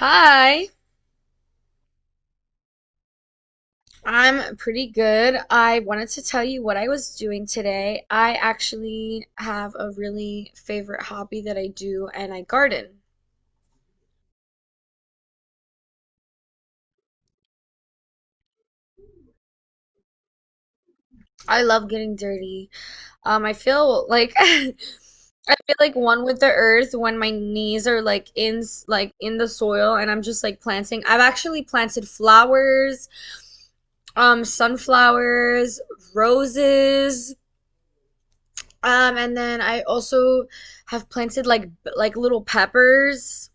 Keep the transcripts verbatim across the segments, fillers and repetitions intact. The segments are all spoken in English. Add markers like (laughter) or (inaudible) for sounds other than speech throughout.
Hi, I'm pretty good. I wanted to tell you what I was doing today. I actually have a really favorite hobby that I do, and I garden. I love getting dirty. Um, I feel like (laughs) I feel like one with the earth when my knees are like in like in the soil, and I'm just like planting. I've actually planted flowers, um, sunflowers, roses. Um, and then I also have planted like like little peppers.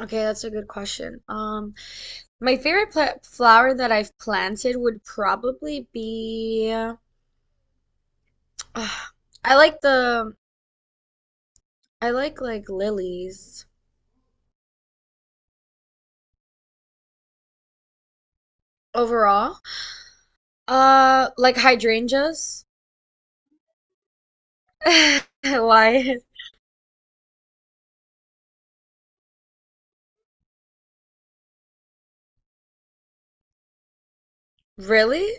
Okay, that's a good question. Um, my favorite pla flower that I've planted would probably be uh, I like the I like like lilies overall. Uh, like hydrangeas. (laughs) Why? Really?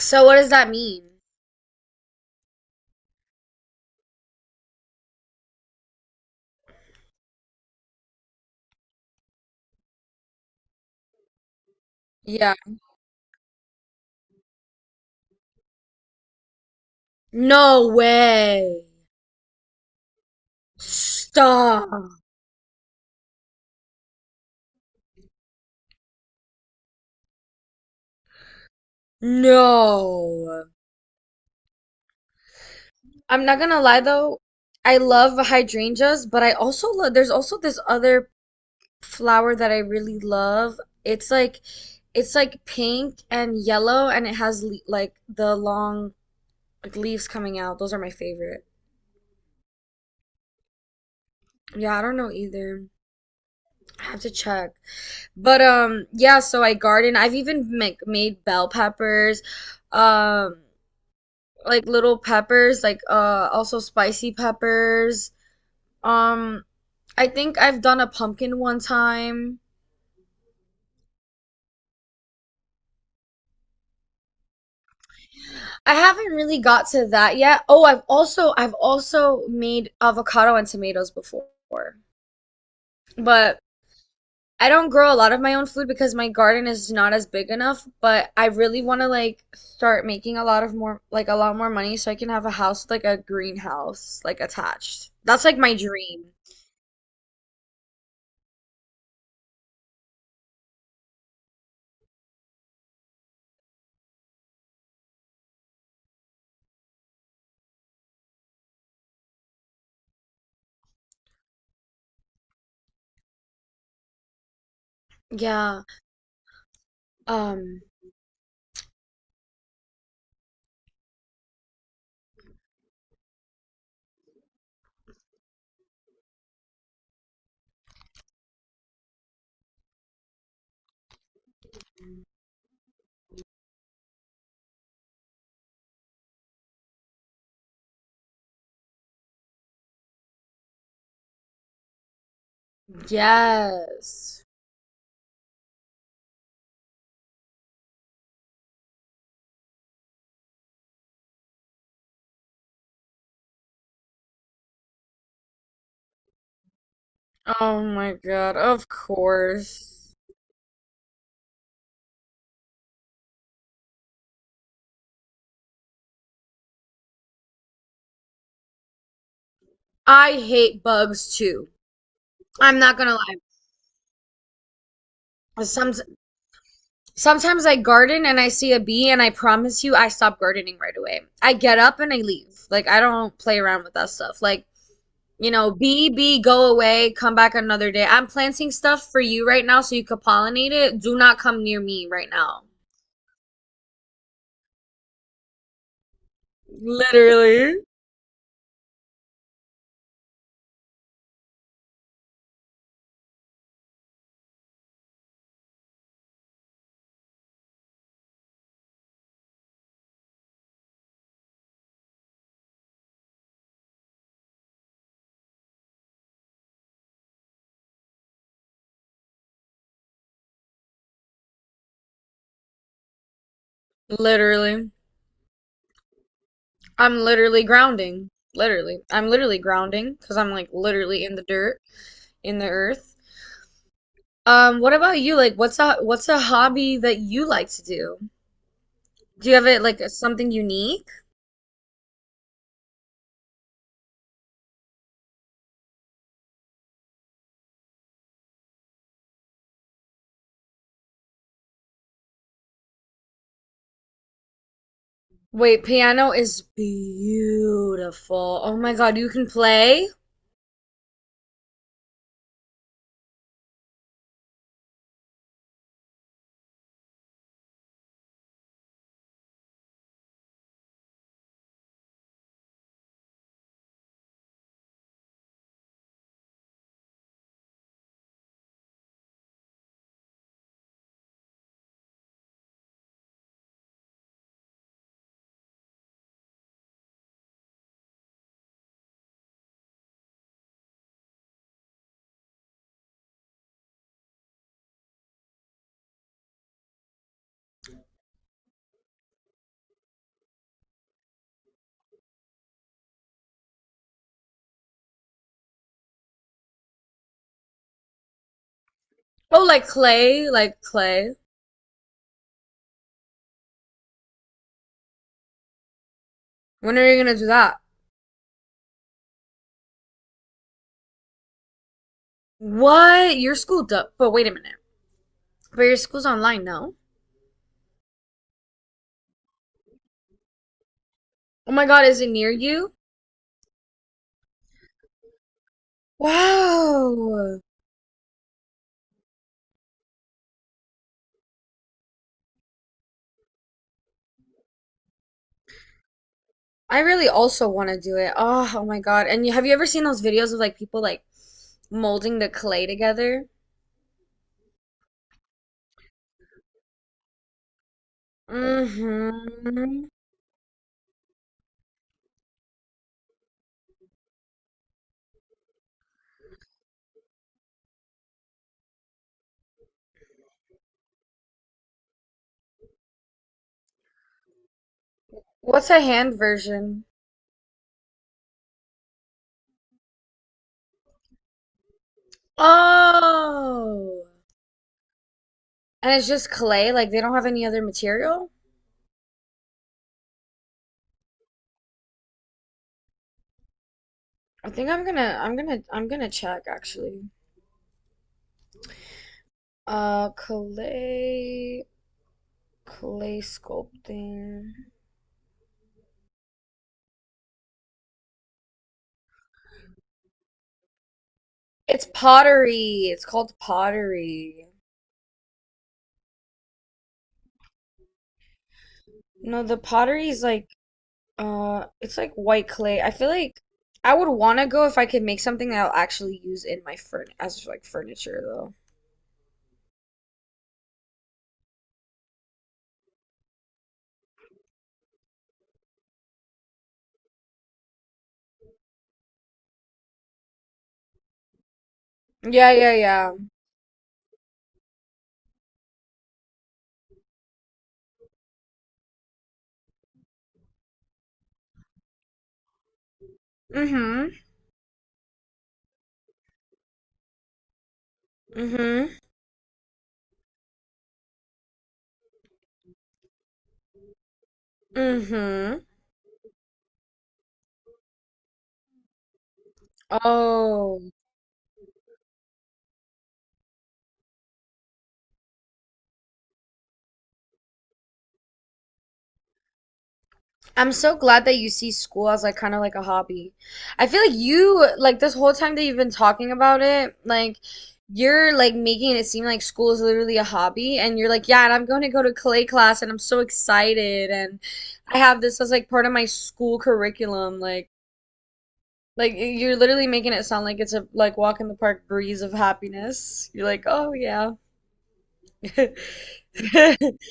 So what does that mean? Yeah. No way. Stop. No. I'm not gonna lie though, I love hydrangeas, but I also love there's also this other flower that I really love. It's like it's like pink and yellow, and it has le like the long like leaves coming out. Those are my favorite. Yeah, I don't know either. I have to check. But um yeah, so I garden. I've even make, made bell peppers. Um like little peppers, like uh also spicy peppers. Um I think I've done a pumpkin one time. I haven't really got to that yet. Oh, I've also I've also made avocado and tomatoes before. But I don't grow a lot of my own food because my garden is not as big enough, but I really want to like start making a lot of more like a lot more money so I can have a house with, like a greenhouse like attached. That's like my dream. Yeah. Um yes. Oh my God, of course. I hate bugs too. I'm not gonna lie. Some, Sometimes I garden and I see a bee, and I promise you, I stop gardening right away. I get up and I leave. Like, I don't play around with that stuff. Like, you know, bee, bee, go away, come back another day. I'm planting stuff for you right now so you could pollinate it. Do not come near me right now. Literally. Literally. I'm literally grounding. Literally. I'm literally grounding because I'm like literally in the dirt, in the earth. Um, what about you? Like, what's a what's a hobby that you like to do? Do you have it like something unique? Wait, piano is beautiful. Oh my God, you can play? Oh, like clay, like clay. When are you gonna do that? What? Your school does, but wait a minute. But your school's online, no? Oh my God, is it near you? Wow. I really also want to do it. Oh, oh my God. And you, have you ever seen those videos of like people like molding the clay together? Mm-hmm. What's a hand version? Oh. And it's just clay, like they don't have any other material. I think I'm gonna I'm gonna I'm gonna check actually. Uh clay Clay sculpting. It's pottery. It's called pottery. No, the pottery is like uh it's like white clay. I feel like I would want to go if I could make something that I'll actually use in my furn as like furniture though. Yeah, yeah, yeah. Mm-hmm. Mm-hmm. Mm-hmm. Oh. I'm so glad that you see school as like kind of like a hobby. I feel like you like this whole time that you've been talking about it, like you're like making it seem like school is literally a hobby, and you're like, yeah, and I'm going to go to clay class and I'm so excited and I have this as like part of my school curriculum. Like like you're literally making it sound like it's a like walk in the park breeze of happiness. You're like, "Oh yeah." (laughs)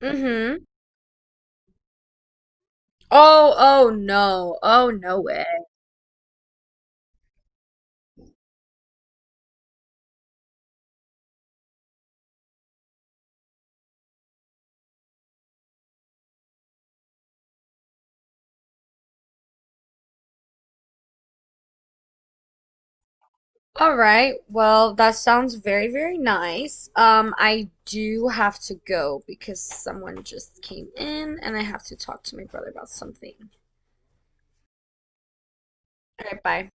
Mm-hmm. Oh, oh no. Oh no way. All right. Well, that sounds very, very nice. Um, I do have to go because someone just came in and I have to talk to my brother about something. All right, bye.